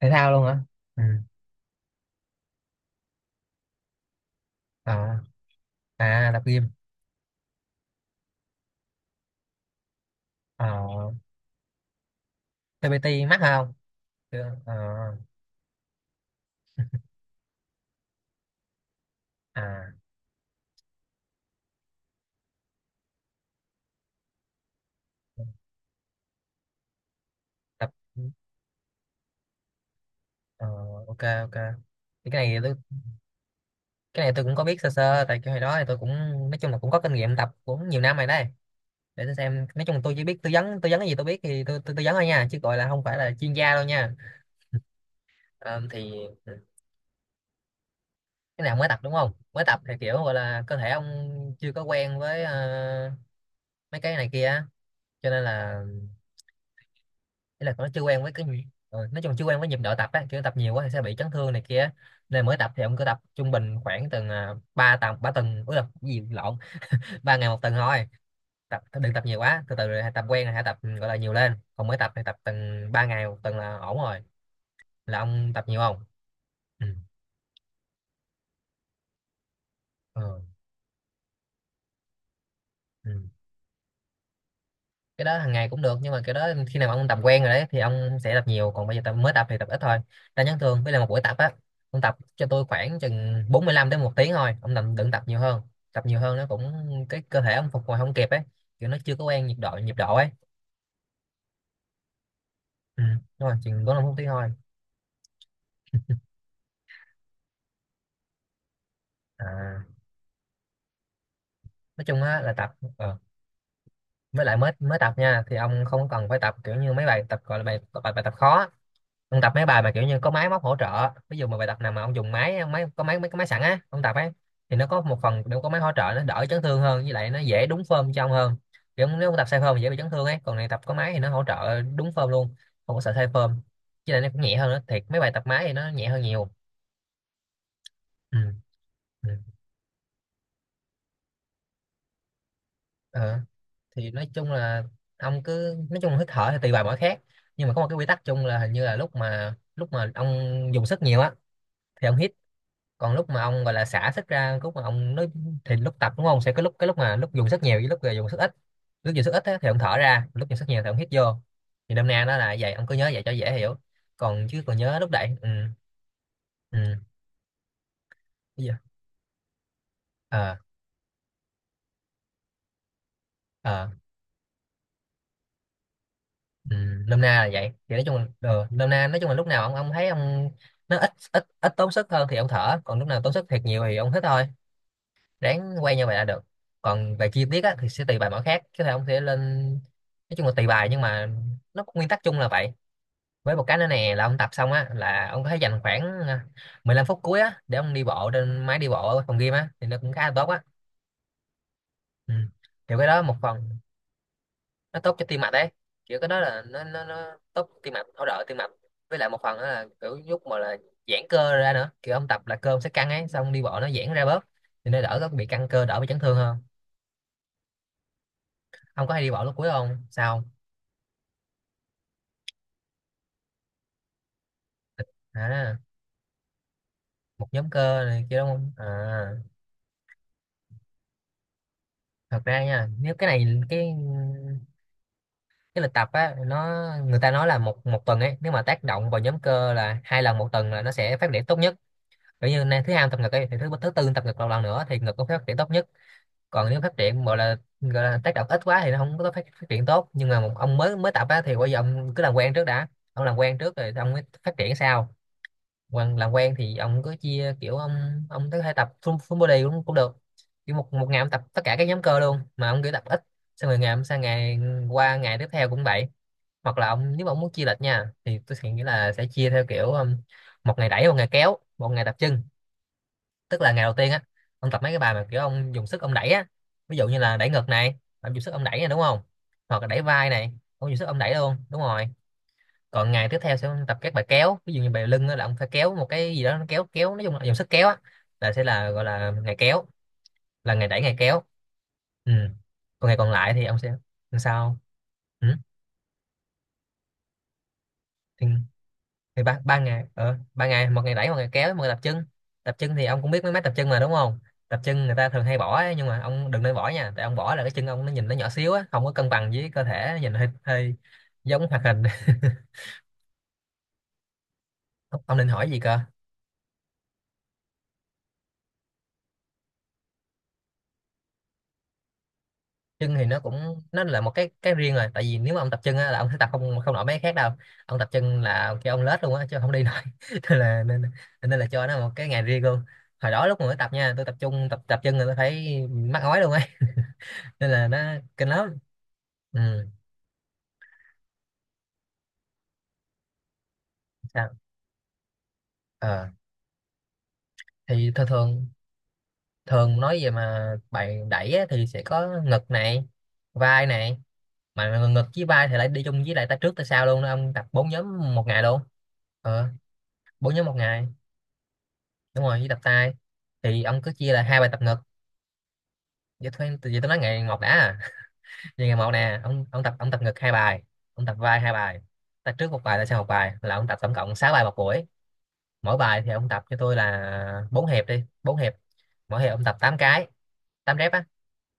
Thể thao luôn hả? Ừ. à, à, tập gym. à, TPT mắc không? Chưa. Ờ, à tập Ờ, ok ok. Thì cái này tôi cũng có biết sơ sơ, tại cái hồi đó thì tôi cũng, nói chung là cũng có kinh nghiệm tập cũng nhiều năm rồi đấy. Để tôi xem, nói chung là tôi chỉ biết tư vấn, cái gì tôi biết thì tôi tư vấn thôi nha, chứ gọi là không phải là chuyên gia đâu nha. Ờ, thì, ừ, cái nào mới tập đúng không? Mới tập thì kiểu gọi là cơ thể ông chưa có quen với, mấy cái này kia á, cho nên là, ý là nó chưa quen với cái nhịp- nói chung chưa quen với nhịp độ tập á, kiểu tập nhiều quá thì sẽ bị chấn thương này kia. Nên mới tập thì ông cứ tập trung bình khoảng từng, ba tuần ba tuần, ui là cái gì lộn. 3 ngày 1 tuần thôi. Tập đừng tập nhiều quá, từ từ rồi hãy tập quen rồi hãy tập, gọi là nhiều lên, còn mới tập thì tập từng ba ngày một tuần là ổn rồi. Là ông tập nhiều không? Ừ. Ừ. Ừ. Cái đó hàng ngày cũng được nhưng mà cái đó khi nào mà ông tập quen rồi đấy thì ông sẽ tập nhiều, còn bây giờ tập, mới tập thì tập ít thôi. Ta nhắn thường với là một buổi tập á, ông tập cho tôi khoảng chừng 45 đến một tiếng thôi, ông đừng đừng tập nhiều hơn. Tập nhiều hơn nó cũng, cái cơ thể ông phục hồi không kịp ấy, kiểu nó chưa có quen nhịp độ ấy. Ừ. Đúng rồi, chừng 45 phút tiếng thôi. à, nói chung á là tập, Với lại mới mới tập nha thì ông không cần phải tập kiểu như mấy bài tập gọi là bài bài, bài tập khó. Ông tập mấy bài mà kiểu như có máy móc hỗ trợ, ví dụ mà bài tập nào mà ông dùng máy máy, có máy, mấy cái máy sẵn á ông tập ấy, thì nó có một phần, nếu có máy hỗ trợ nó đỡ chấn thương hơn, với lại nó dễ đúng form cho ông hơn. Kiểu nếu ông tập sai form thì dễ bị chấn thương ấy, còn này tập có máy thì nó hỗ trợ đúng form luôn, không có sợ sai form. Với lại nó cũng nhẹ hơn nữa, thiệt mấy bài tập máy thì nó nhẹ hơn nhiều. Ừ. Ừ. Ờ. Thì nói chung là, ông cứ nói chung là hít thở thì tùy bài mỗi khác, nhưng mà có một cái quy tắc chung là hình như là lúc mà ông dùng sức nhiều á thì ông hít, còn lúc mà ông gọi là xả sức ra, lúc mà ông nói, thì lúc tập đúng không, sẽ có lúc, cái lúc mà lúc dùng sức nhiều với lúc, dùng sức ít. Lúc dùng sức ít á, thì ông thở ra, lúc dùng sức nhiều thì ông hít vô. Thì đâm nay nó là vậy, ông cứ nhớ vậy cho dễ hiểu. Còn chứ còn nhớ lúc đẩy, ừ. Ừ. Cái gì? Ờ. Ờ. ừ, Nôm na là vậy, thì nói chung là, nôm na nói chung là lúc nào ông thấy ông, nó ít ít ít tốn sức hơn thì ông thở, còn lúc nào tốn sức thiệt nhiều thì ông hít thôi. Ráng quay như vậy là được. Còn về chi tiết á, thì sẽ tùy bài mỗi khác, chứ thầy ông sẽ lên, nói chung là tùy bài nhưng mà nó có nguyên tắc chung là vậy. Với một cái nữa nè là ông tập xong á là ông có thể dành khoảng, à, 15 phút cuối á để ông đi bộ trên máy đi bộ ở phòng gym á, thì nó cũng khá là tốt á. Ừ. Kiểu cái đó một phần nó tốt cho tim mạch đấy, kiểu cái đó là nó tốt tim mạch, hỗ trợ tim mạch. Với lại một phần đó là kiểu giúp mà là giãn cơ ra nữa, kiểu ông tập là cơ ông sẽ căng ấy, xong đi bộ nó giãn ra bớt, thì nó đỡ có bị căng cơ, đỡ bị chấn thương hơn. Ông có hay đi bộ lúc cuối không sao? à, Một nhóm cơ này kia đúng không? Thật ra nha, nếu cái lịch tập á nó, người ta nói là một một tuần ấy, nếu mà tác động vào nhóm cơ là 2 lần 1 tuần là nó sẽ phát triển tốt nhất. Kiểu như nay thứ hai tập ngực ấy, thì thứ thứ tư tập ngực lần lần nữa thì ngực có phát triển tốt nhất. Còn nếu phát triển gọi là tác động ít quá thì nó không có phát triển tốt. Nhưng mà một ông mới mới tập á thì bây giờ ông cứ làm quen trước đã, ông làm quen trước rồi ông mới phát triển sau. Còn làm quen thì ông cứ chia kiểu ông tới hai tập full body cũng cũng được, kiểu một một ngày ông tập tất cả các nhóm cơ luôn mà ông cứ tập ít, xong rồi ngày ông sang ngày, qua ngày tiếp theo cũng vậy. Hoặc là ông, nếu mà ông muốn chia lịch nha, thì tôi sẽ nghĩ là sẽ chia theo kiểu, một ngày đẩy, một ngày kéo, một ngày tập chân. Tức là ngày đầu tiên á, ông tập mấy cái bài mà kiểu ông dùng sức ông đẩy á, ví dụ như là đẩy ngực này, ông dùng sức ông đẩy này đúng không, hoặc là đẩy vai này, ông dùng sức ông đẩy luôn đúng rồi. Còn ngày tiếp theo sẽ tập các bài kéo, ví dụ như bài lưng á, là ông phải kéo một cái gì đó, nó kéo kéo nói chung là dùng sức kéo á, là sẽ là gọi là ngày kéo, là ngày đẩy ngày kéo. Ừ. Còn ngày còn lại thì ông sẽ làm sao? Ừ. thì, thì ba ngày, ba ngày, một ngày đẩy, một ngày kéo, một ngày tập chân. Tập chân thì ông cũng biết mấy máy tập chân mà đúng không? Tập chân người ta thường hay bỏ ấy, nhưng mà ông đừng nên bỏ nha, tại ông bỏ là cái chân ông nó nhìn nó nhỏ xíu á, không có cân bằng với cơ thể, nó nhìn hơi hơi giống hoạt hình. Ông định hỏi gì cơ? Chân thì nó cũng nó là một cái riêng rồi, tại vì nếu mà ông tập chân á, là ông sẽ tập không không nổi mấy cái khác đâu. Ông tập chân là kêu ông lết luôn á, chứ không đi nổi. Nên là nên là cho nó một cái ngày riêng luôn. Hồi đó lúc mà mới tập nha, tôi tập trung tập tập chân là tôi phải mắc ói luôn ấy. Nên là nó kinh lắm. Ừ. Sao? Ờ. Thì thường thường thường nói về mà bài đẩy á, thì sẽ có ngực này, vai này, mà ngực với vai thì lại đi chung với lại tay trước tay sau luôn đó, ông tập 4 nhóm 1 ngày luôn. Ờ. Bốn nhóm một ngày đúng rồi, với tập tay thì ông cứ chia là hai bài tập ngực. Vậy thôi em- vậy tôi nói ngày một đã. À. Vậy ngày một nè, ông tập, ông tập ngực hai bài, ông tập vai hai bài, tập trước một bài, là sau một bài, là ông tập tổng cộng 6 bài một buổi. Mỗi bài thì ông tập cho tôi là 4 hiệp đi, bốn hiệp mỗi hiệp ông tập 8 cái, 8 rep á.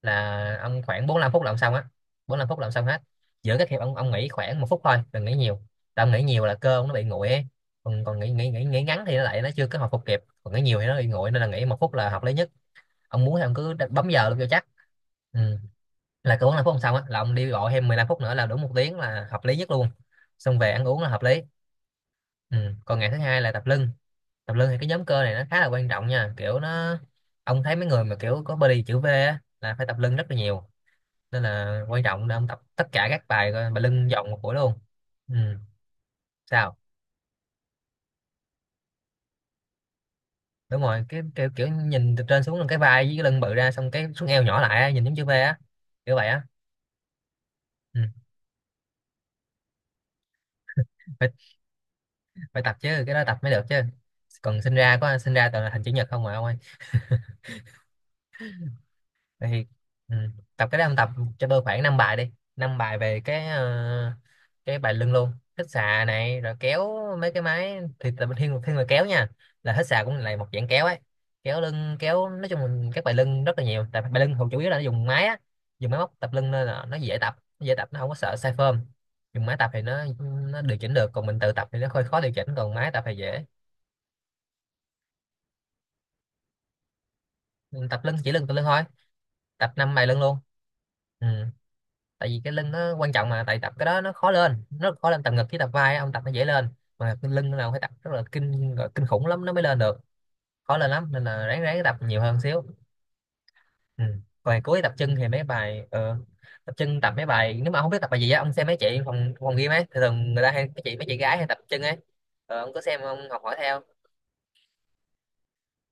Là ông khoảng 45 phút là ông xong á. 45 phút là ông xong hết. Giữa các hiệp ông nghỉ khoảng 1 phút thôi, đừng nghỉ nhiều, tại ông nghỉ nhiều là cơ ông nó bị nguội ấy. Còn còn nghỉ nghỉ nghỉ nghỉ ngắn thì nó lại nó chưa có hồi phục kịp, còn nghỉ nhiều thì nó bị nguội, nên là nghỉ một phút là hợp lý nhất. Ông muốn thì ông cứ đặt- bấm giờ luôn cho chắc. Ừ. Là cứ 45 phút xong á là ông đi gọi thêm 15 phút nữa là đủ một tiếng, là hợp lý nhất luôn, xong về ăn uống là hợp lý. Ừ. Còn ngày thứ hai là tập lưng. Tập lưng thì cái nhóm cơ này nó khá là quan trọng nha, kiểu nó, ông thấy mấy người mà kiểu có body chữ V á là phải tập lưng rất là nhiều, nên là quan trọng để ông tập tất cả các bài, coi bài lưng vòng một buổi luôn. Ừ. Sao? Đúng rồi, kiểu nhìn từ trên xuống là cái vai với cái lưng bự ra, xong cái xuống eo nhỏ lại á, nhìn giống chữ V á, kiểu vậy á. Ừ. Phải, phải tập chứ, cái đó tập mới được chứ, còn sinh ra có sinh ra toàn là thành chữ nhật không mà ông ơi. Vậy thì, ừ, tập cái đó ông tập cho tôi khoảng 5 bài đi, 5 bài về cái bài lưng luôn. Hít xà này rồi kéo, mấy cái máy thì tập thiên thiên là kéo nha, là hít xà cũng là một dạng kéo ấy, kéo lưng kéo, nói chung là các bài lưng rất là nhiều, tại bài lưng hầu chủ yếu là nó dùng máy á, dùng máy móc tập lưng nên là nó dễ tập, nó không có sợ sai form. Dùng máy tập thì nó điều chỉnh được, còn mình tự tập thì nó hơi khó điều chỉnh, còn máy tập thì dễ. Mình tập lưng, chỉ lưng, tập lưng thôi, tập năm bài lưng luôn. Ừ. Tại vì cái lưng nó quan trọng mà, tại tập cái đó nó khó lên tập ngực với tập vai á, ông tập nó dễ lên, mà cái lưng là ông phải tập rất là gọi kinh khủng lắm nó mới lên được, khó lên lắm, nên là ráng ráng tập nhiều hơn xíu. Ừ. Còn ngày cuối tập chân thì mấy bài, tập chân tập mấy bài. Nếu mà không biết tập bài gì á, ông xem mấy chị phòng phòng gym ấy, thường thường người ta hay, mấy chị gái hay tập chân ấy. Ông cứ xem, ông học hỏi theo.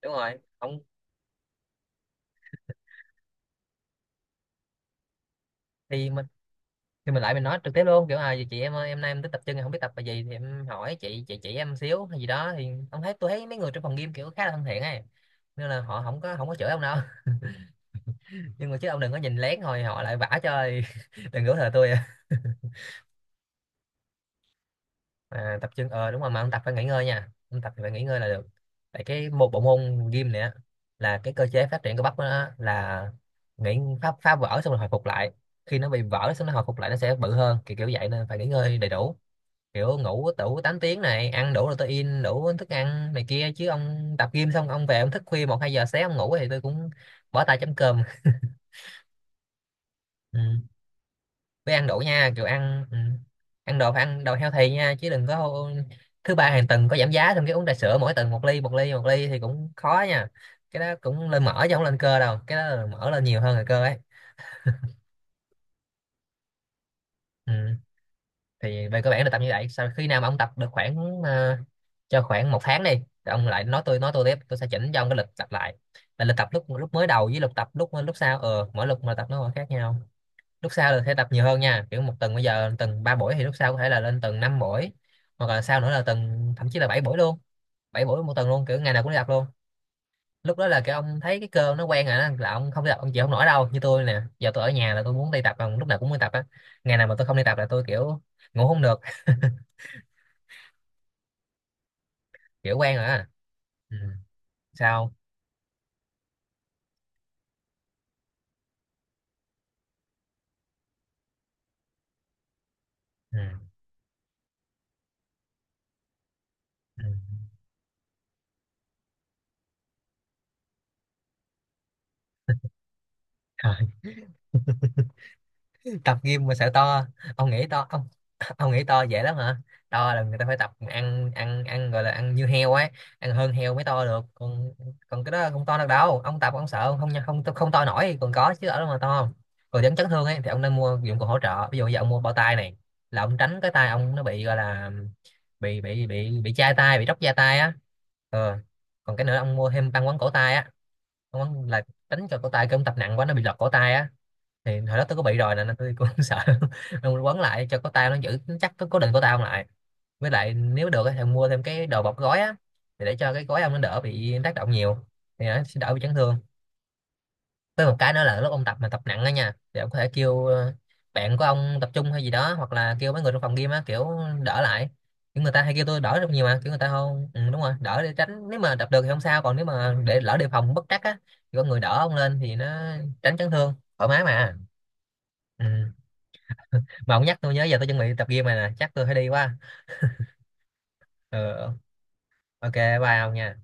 Đúng rồi ông. Thì mà, thì mình lại mình nói trực tiếp luôn, kiểu à chị em ơi, em nay em tới tập chân em không biết tập bài gì thì em hỏi chị chỉ em xíu hay gì đó, thì ông thấy tôi thấy mấy người trong phòng gym kiểu khá là thân thiện ấy, nên là họ không có chửi ông đâu. Nhưng mà chứ ông đừng có nhìn lén rồi họ lại vả cho thì đừng có thờ tôi à. À, tập chân, đúng rồi, mà ông tập phải nghỉ ngơi nha, ông tập thì phải nghỉ ngơi là được. Tại cái một bộ môn gym này á, là cái cơ chế phát triển cơ bắp của nó á, là nghỉ, phá vỡ xong rồi hồi phục lại. Khi nó bị vỡ xong nó hồi phục lại nó sẽ bự hơn, kiểu kiểu vậy, nên phải nghỉ ngơi đầy đủ, kiểu ngủ đủ 8 tiếng này, ăn đủ protein, đủ thức ăn này kia, chứ ông tập gym xong ông về ông thức khuya 1-2 giờ sáng ông ngủ thì tôi cũng bỏ tay chấm cơm. Ừ. Với ăn đủ nha, kiểu ăn. Ừ. Ăn đồ phải ăn đồ healthy nha, chứ đừng có thứ ba hàng tuần có giảm giá xong cái uống trà sữa, mỗi tuần một ly, một ly, một ly thì cũng khó nha. Cái đó cũng lên mỡ chứ không lên cơ đâu, cái đó là mỡ lên nhiều hơn là cơ ấy. Ừ. Thì về cơ bản là tập như vậy. Sau khi nào mà ông tập được khoảng, cho khoảng 1 tháng đi, thì ông lại nói tôi tiếp, tôi sẽ chỉnh cho ông cái lịch tập lại, là lịch tập lúc lúc mới đầu với lịch tập lúc lúc sau, mỗi lúc mà tập nó còn khác nhau. Lúc sau là sẽ tập nhiều hơn nha, kiểu một tuần bây giờ tuần ba buổi thì lúc sau có thể là lên tuần năm buổi, hoặc là sau nữa là tuần thậm chí là bảy buổi luôn, bảy buổi một tuần luôn, kiểu ngày nào cũng đi tập luôn. Lúc đó là cái ông thấy cái cơ nó quen rồi đó, là ông không đi tập ông chịu không nổi đâu, như tôi nè, giờ tôi ở nhà là tôi muốn đi tập, còn lúc nào cũng đi tập á. Ngày nào mà tôi không đi tập là tôi kiểu ngủ không được, kiểu quen rồi á. Ừ. Sao? Ừ. Ừ. Hả? Tập gym mà sợ to? Ông nghĩ to, ông ông nghĩ to dễ lắm hả? To là người ta phải tập ăn ăn ăn, gọi là ăn như heo ấy, ăn hơn heo mới to được, còn, còn cái đó không to được đâu, ông tập ông sợ ông không không không to nổi, còn có chứ ở đâu mà to không. Còn dẫn chấn thương ấy thì ông nên mua dụng cụ hỗ trợ, ví dụ giờ ông mua bao tay này là ông tránh cái tay ông nó bị, gọi là bị chai tay, bị róc da tay á. Ờ. Còn cái nữa, ông mua thêm băng quấn cổ tay á, ông là tránh cho cổ tay cái ông tập nặng quá nó bị lật cổ tay á. Thì hồi đó tôi có bị rồi nè nên tôi cũng sợ, nên quấn lại cho có tao nó giữ chắc, có cố định của tao lại. Với lại nếu được á thì mua thêm cái đồ bọc gói á, thì để cho cái gói ông nó đỡ bị tác động nhiều, thì nó sẽ đỡ bị chấn thương. Với một cái nữa là lúc ông tập mà tập nặng á nha, thì ông có thể kêu, bạn của ông tập trung hay gì đó, hoặc là kêu mấy người trong phòng gym á, kiểu đỡ lại, kiểu người ta hay kêu tôi đỡ rất nhiều mà, kiểu người ta không, ừ, đúng rồi, đỡ để tránh, nếu mà đập được thì không sao, còn nếu mà để lỡ đề phòng bất trắc á thì có người đỡ ông lên thì nó tránh chấn thương thoải mái mà. Ừ. Mà ông nhắc tôi nhớ giờ tôi chuẩn bị tập gym này nè, chắc tôi phải đi quá. Ừ, ừ. Ok, bye ông nha.